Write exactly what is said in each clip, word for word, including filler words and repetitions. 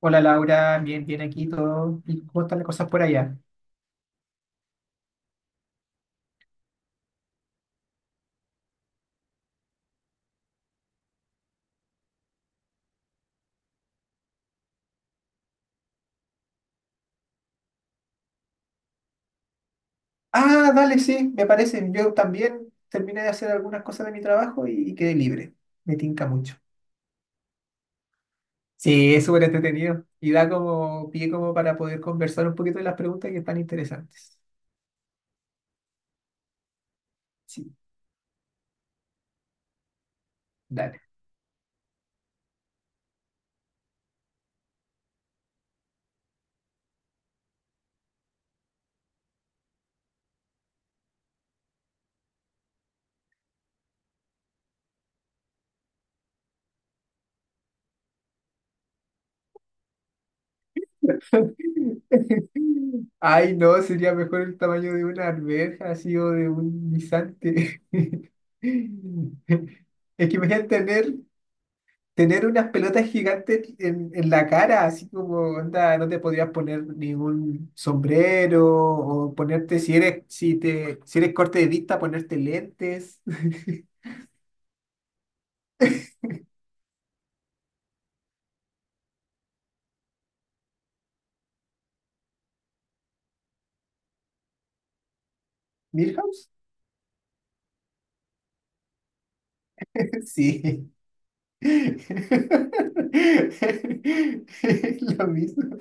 Hola Laura, bien, bien aquí todo. ¿Y cómo están las cosas por allá? Ah, dale, sí, me parece. Yo también terminé de hacer algunas cosas de mi trabajo y, y quedé libre. Me tinca mucho. Sí, es súper entretenido y da como pie como para poder conversar un poquito de las preguntas que están interesantes. Sí, dale. Ay, no, sería mejor el tamaño de una alberja, así o de un guisante. Es que imagínate tener Tener unas pelotas gigantes en, en la cara, así como, onda, no te podrías poner ningún sombrero o ponerte, si eres, si te, si eres corte de vista, ponerte lentes. ¿Milhouse? Sí. Lo mismo.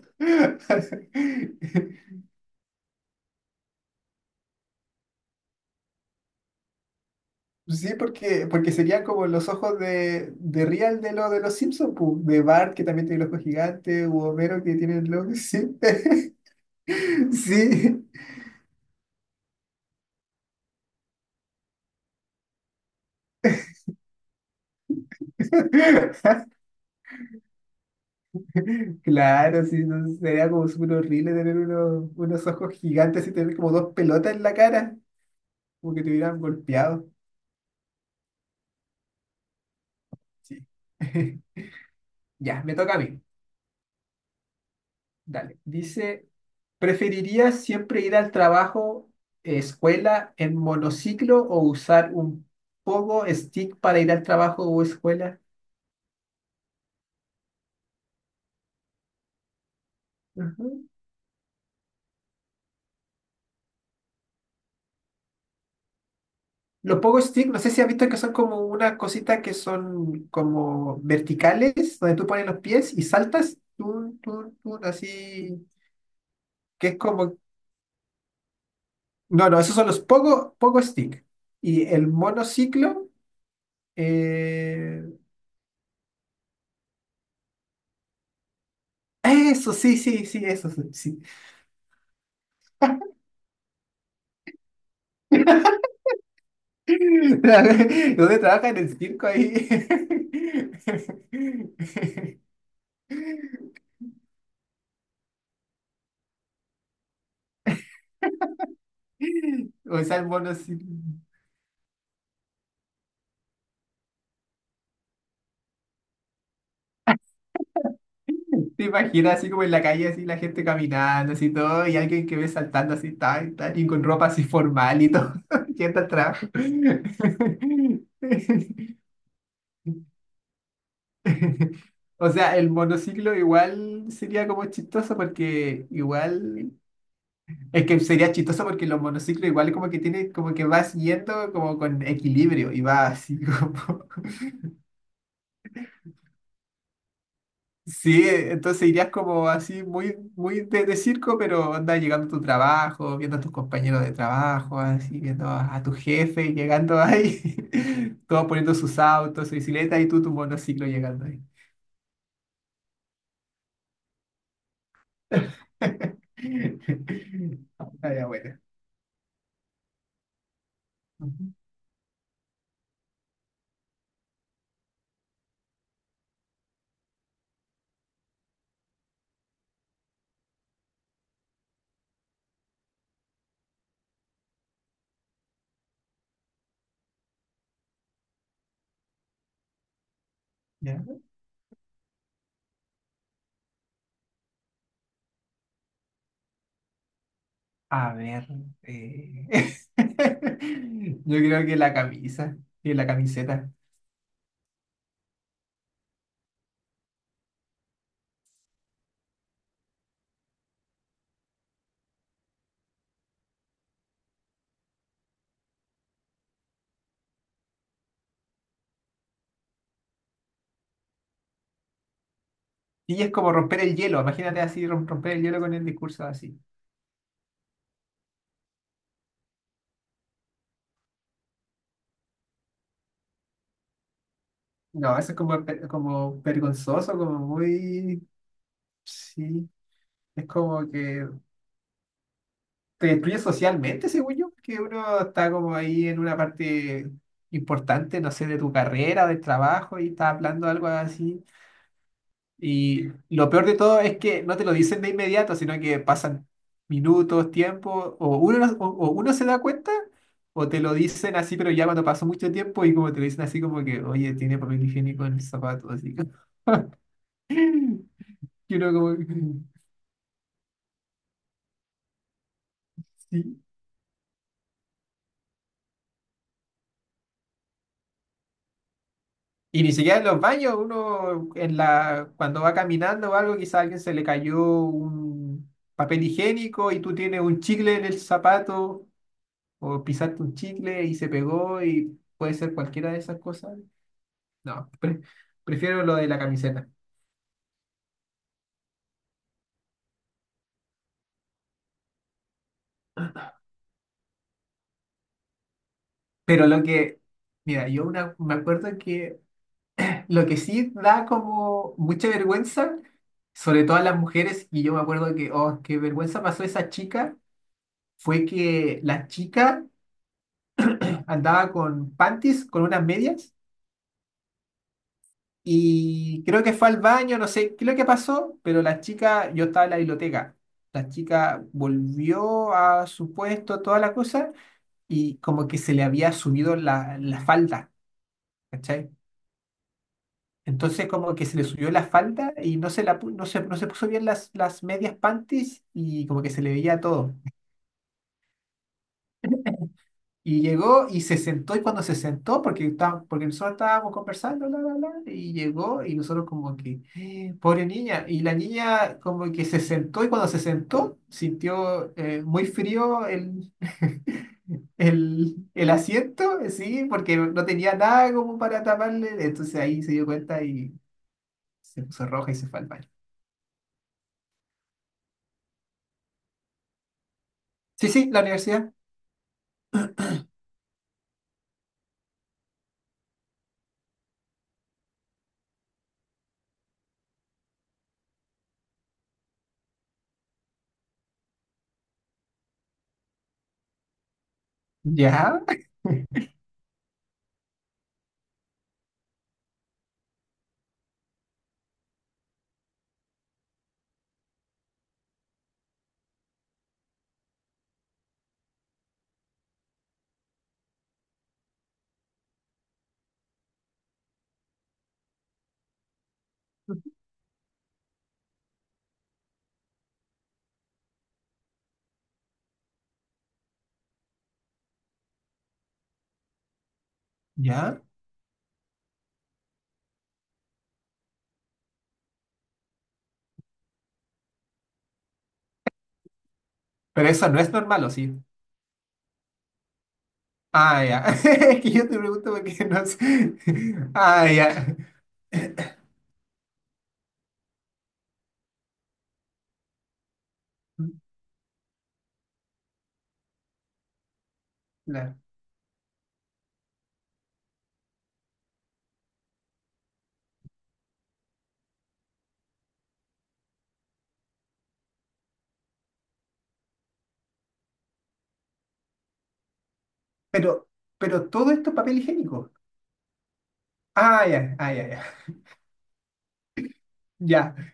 Sí, porque, porque serían como los ojos de, de Real de, lo, de los Simpsons, pu, de Bart, que también tiene los ojos gigantes u Homero, que tiene los ojo. Sí, sí. Claro, sí, no, sería como súper horrible tener unos, unos ojos gigantes y tener como dos pelotas en la cara, como que te hubieran golpeado. Sí. Ya, me toca a mí. Dale. Dice, ¿preferirías siempre ir al trabajo, eh, escuela en monociclo o usar un pogo stick para ir al trabajo o escuela? Ujú. Los pogo stick, no sé si has visto que son como unas cositas que son como verticales, donde tú pones los pies y saltas, tun, tun, tun, así, que es como... No, no, esos son los pogo, pogo stick. Y el monociclo... eh, eso, sí, sí, sí, eso, sí. Sí. ¿Dónde trabaja en el circo ahí? O sea, el monociclo. ¿Te imaginas así como en la calle, así la gente caminando, así todo, y alguien que ve saltando así, tal, tal, y con ropa así formal y todo, yendo al trabajo? O sea, el monociclo igual sería como chistoso porque igual, es que sería chistoso porque los monociclos igual como que tiene, como que vas yendo como con equilibrio y va así como... Sí, eh, entonces irías como así muy, muy de, de circo, pero andas llegando a tu trabajo, viendo a tus compañeros de trabajo, así viendo a, a tu jefe llegando ahí, todos poniendo sus autos, su bicicleta y tú tu monociclo llegando ahí. Ah, ya, bueno. Ujú, ya. A ver, eh, yo creo que la camisa y la camiseta. Y es como romper el hielo, imagínate así, rom- romper el hielo con el discurso así. No, eso es como, pe- como vergonzoso, como muy... Sí, es como que te destruye socialmente, según yo, que uno está como ahí en una parte importante, no sé, de tu carrera, del trabajo, y está hablando algo así. Y lo peor de todo es que no te lo dicen de inmediato, sino que pasan minutos, tiempo, o uno, no- o, o uno se da cuenta, o te lo dicen así, pero ya cuando pasó mucho tiempo y como te lo dicen así como que, oye, tiene papel higiénico en el zapato, así. Y uno como, sí. Y ni siquiera en los baños, uno en la, cuando va caminando o algo, quizá a alguien se le cayó un papel higiénico y tú tienes un chicle en el zapato o pisaste un chicle y se pegó y puede ser cualquiera de esas cosas. No, pre- prefiero lo de la camiseta. Pero lo que, mira, yo una, me acuerdo que lo que sí da como mucha vergüenza, sobre todo a las mujeres, y yo me acuerdo que, oh, qué vergüenza pasó esa chica fue que la chica andaba con panties, con unas medias, y creo que fue al baño, no sé qué es lo que pasó, pero la chica, yo estaba en la biblioteca, la chica volvió a su puesto, toda la cosa, y como que se le había subido la, la falda, ¿cachai? Entonces como que se le subió la falda y no se, la, pu- no se, no se puso bien las, las medias panties y como que se le veía todo. Y llegó y se sentó, y cuando se sentó, porque, está- porque nosotros estábamos conversando, la, la, la, y llegó, y nosotros como que, "Eh, pobre niña, y la niña como que se sentó, y cuando se sentó, sintió eh, muy frío el, el, el asiento, sí, porque no tenía nada como para taparle, entonces ahí se dio cuenta y se puso roja y se fue al baño. Sí, sí, la universidad. Ya, ya, pero eso no es normal, ¿o sí? Ah, ya. Es que yo te pregunto porque no sé. Ah, ya. Claro. Pero, pero todo esto es papel higiénico. Ah, ya, ah, ya, ya. Ya.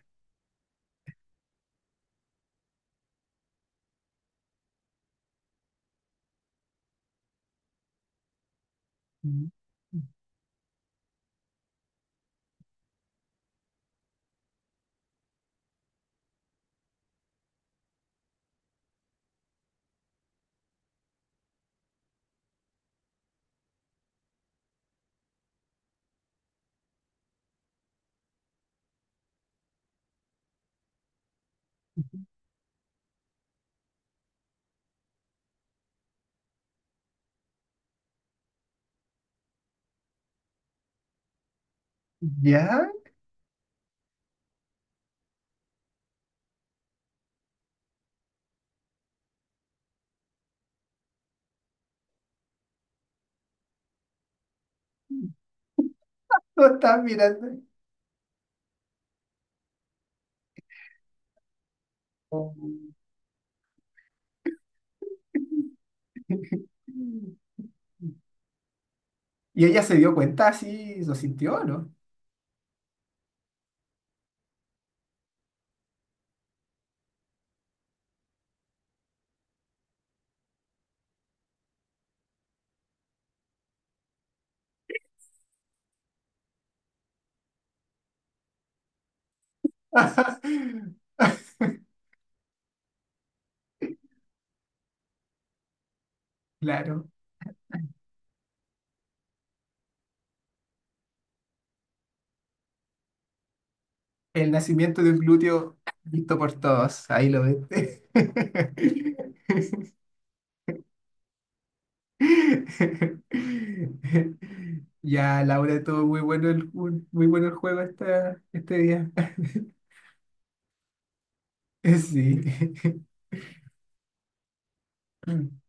Ya, lo estás mirando. Oh. Y ella se dio cuenta así, lo sintió, ¿no? Claro. El nacimiento de un glúteo visto por todos. Ahí lo ves. Ya, Laura, estuvo muy bueno el, ju- muy bueno el juego esta, este día. Sí.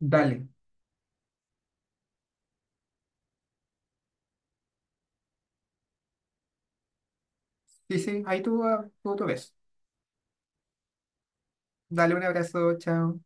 Dale. Sí, sí, ahí tú, ah, tú, tú ves. Dale un abrazo, chao.